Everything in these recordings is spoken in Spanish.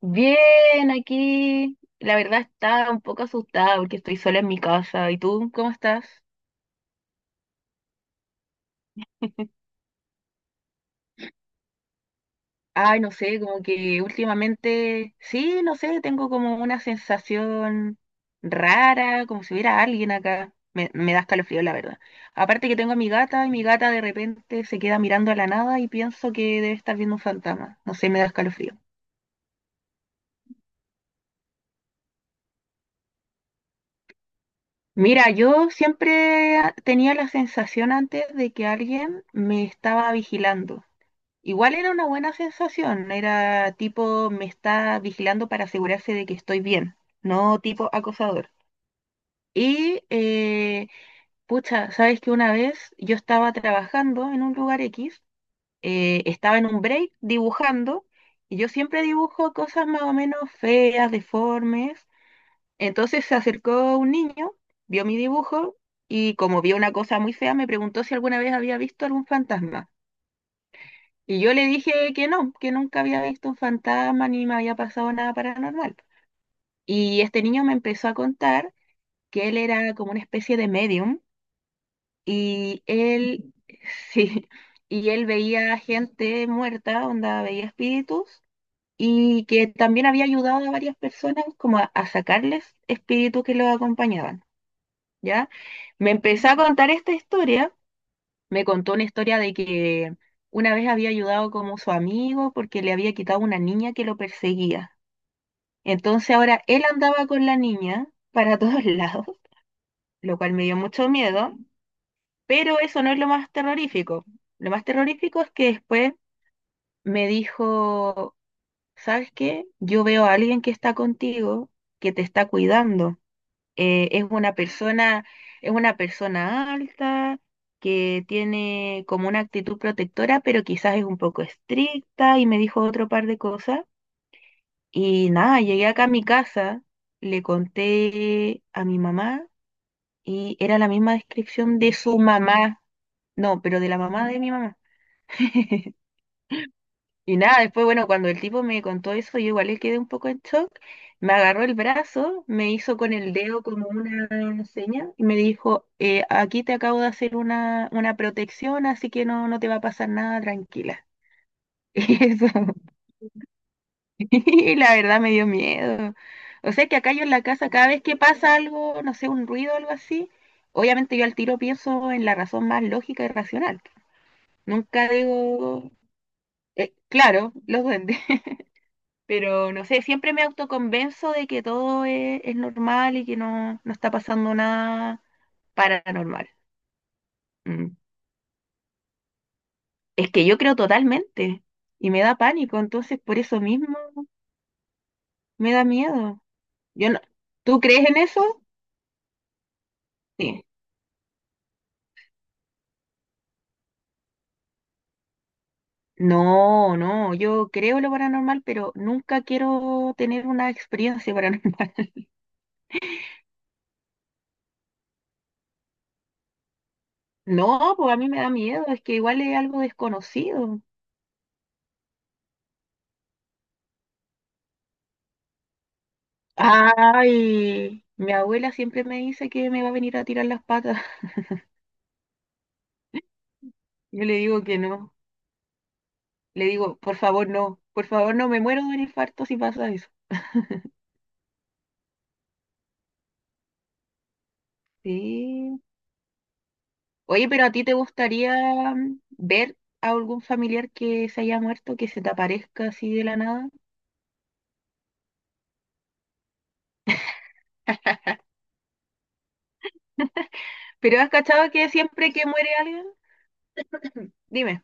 Bien, aquí la verdad está un poco asustada porque estoy sola en mi casa. ¿Y tú cómo estás? Ay, no sé, como que últimamente, sí, no sé, tengo como una sensación rara, como si hubiera alguien acá. Me da escalofrío, la verdad. Aparte que tengo a mi gata y mi gata de repente se queda mirando a la nada y pienso que debe estar viendo un fantasma. No sé, me da escalofrío. Mira, yo siempre tenía la sensación antes de que alguien me estaba vigilando. Igual era una buena sensación, era tipo me está vigilando para asegurarse de que estoy bien, no tipo acosador. Y, eh, pucha, sabes que una vez yo estaba trabajando en un lugar X. Estaba en un break dibujando, y yo siempre dibujo cosas más o menos feas, deformes. Entonces se acercó un niño, vio mi dibujo, y como vio una cosa muy fea, me preguntó si alguna vez había visto algún fantasma. Y yo le dije que no, que nunca había visto un fantasma ni me había pasado nada paranormal. Y este niño me empezó a contar que él era como una especie de medium y él, sí, y él veía gente muerta, onda, veía espíritus y que también había ayudado a varias personas como a sacarles espíritus que los acompañaban, ¿ya? Me empezó a contar esta historia, me contó una historia de que una vez había ayudado como su amigo porque le había quitado una niña que lo perseguía. Entonces ahora él andaba con la niña para todos lados, lo cual me dio mucho miedo, pero eso no es lo más terrorífico. Lo más terrorífico es que después me dijo, ¿sabes qué? Yo veo a alguien que está contigo, que te está cuidando. eh, es una persona, es una persona alta, que tiene como una actitud protectora, pero quizás es un poco estricta y me dijo otro par de cosas. Y nada, llegué acá a mi casa, le conté a mi mamá y era la misma descripción de su mamá, no, pero de la mamá de mi mamá. Y nada, después, bueno, cuando el tipo me contó eso, yo igual le quedé un poco en shock. Me agarró el brazo, me hizo con el dedo como una seña y me dijo, aquí te acabo de hacer una protección, así que no, no te va a pasar nada, tranquila. Y eso, y la verdad me dio miedo. O sea que acá yo en la casa, cada vez que pasa algo, no sé, un ruido o algo así, obviamente yo al tiro pienso en la razón más lógica y racional. Nunca digo, claro, los duendes. Pero no sé, siempre me autoconvenzo de que todo es normal y que no, no está pasando nada paranormal. Mm. Es que yo creo totalmente y me da pánico, entonces por eso mismo me da miedo. Yo no, ¿tú crees en eso? Sí. No, no, yo creo lo paranormal, pero nunca quiero tener una experiencia paranormal. No, pues a mí me da miedo, es que igual es algo desconocido. Ay, mi abuela siempre me dice que me va a venir a tirar las patas. Yo le digo que no. Le digo, por favor, no. Por favor, no me muero de un infarto si pasa eso. Sí. Oye, pero ¿a ti te gustaría ver a algún familiar que se haya muerto, que se te aparezca así de la nada? Pero ¿has cachado que siempre que muere alguien? Dime,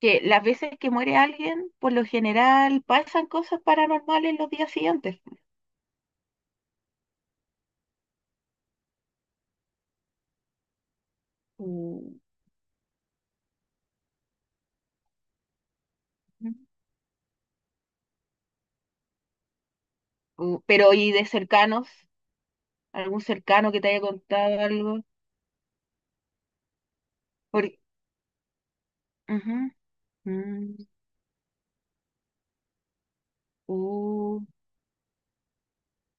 que las veces que muere alguien, por lo general pasan cosas paranormales los días siguientes. Mm. Pero ¿y de cercanos? ¿Algún cercano que te haya contado algo? Por... Ujú. Mm. Uh.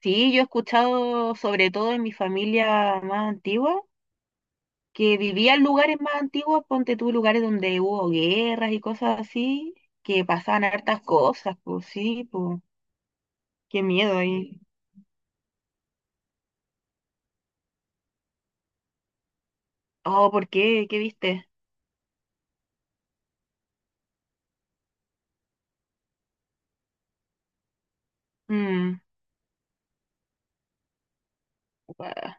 Sí, yo he escuchado, sobre todo en mi familia más antigua, que vivía en lugares más antiguos, ponte tú lugares donde hubo guerras y cosas así, que pasaban hartas cosas, pues sí, pues qué miedo ahí. Oh, ¿por qué? ¿Qué viste? Mm, ah,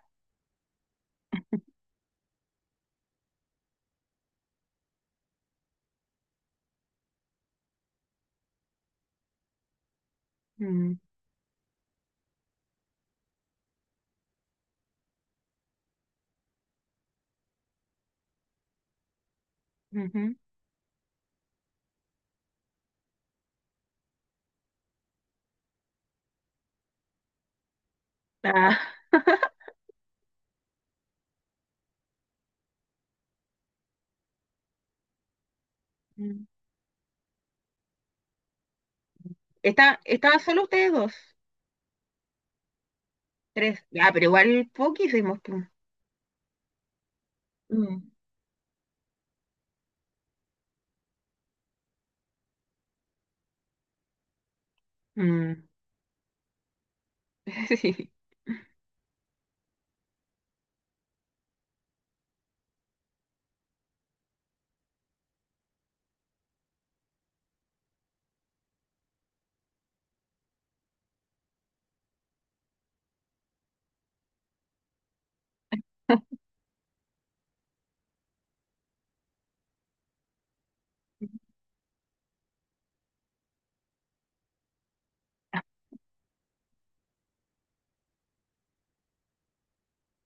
mm, ujú. Ah, mm. Está- ¿Estaban solo ustedes dos? Tres. Ah, pero igual poquísimos, pues. Mm, mm. Sí.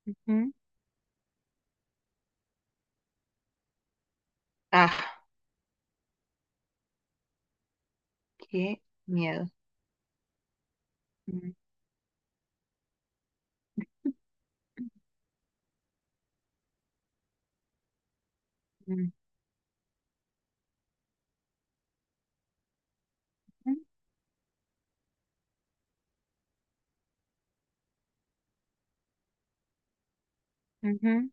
Ujú. Ah, qué miedo. Mm, mm. Mm. Ujú.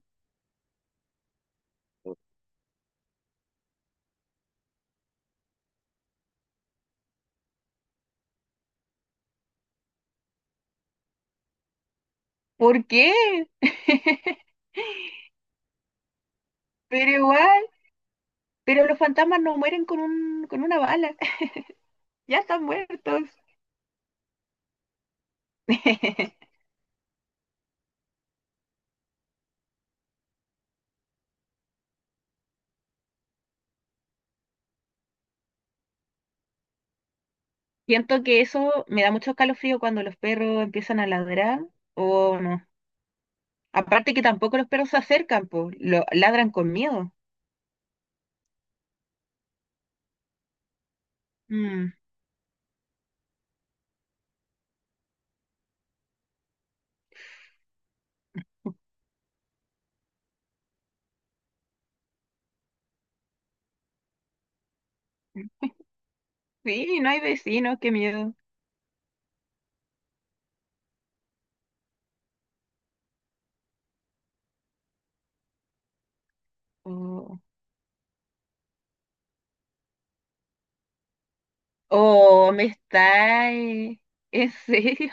¿Por qué? Pero igual, pero los fantasmas no mueren con un, con una bala, ya están muertos. Siento que eso me da mucho escalofrío cuando los perros empiezan a ladrar o no. Aparte que tampoco los perros se acercan, po, lo ladran con miedo. Mm, sí, no hay vecinos, qué miedo. Oh, oh, me está... ¿En serio?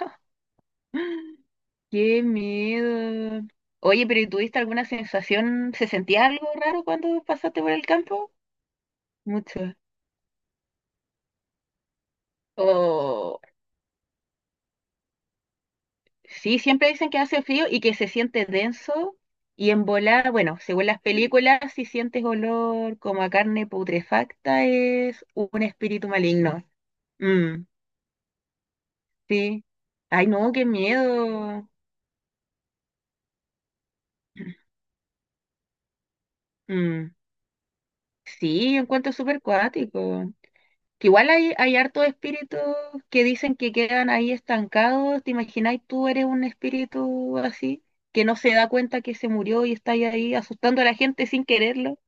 Qué miedo. Oye, pero ¿y tuviste alguna sensación? ¿Se sentía algo raro cuando pasaste por el campo? Mucho. O sí, siempre dicen que hace frío y que se siente denso y en volar, bueno, según las películas, si sientes olor como a carne putrefacta es un espíritu maligno. Mm, sí. Ay, no, qué miedo. Mm, sí, encuentro súper cuático. Que igual hay, hay hartos espíritus que dicen que quedan ahí estancados. ¿Te imagináis tú eres un espíritu así que no se da cuenta que se murió y está ahí, ahí asustando a la gente sin quererlo?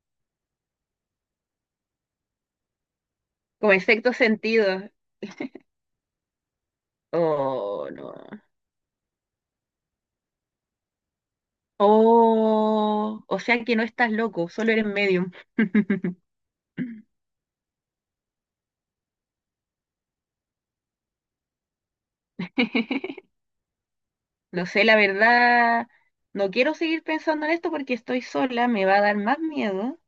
Como en sexto sentido. Oh, no. Oh, o sea que no estás loco, solo eres medium. No sé, la verdad, no quiero seguir pensando en esto porque estoy sola, me va a dar más miedo.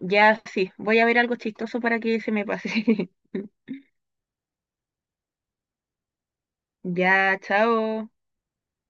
Ya sí, voy a ver algo chistoso para que se me pase. Ya, chao.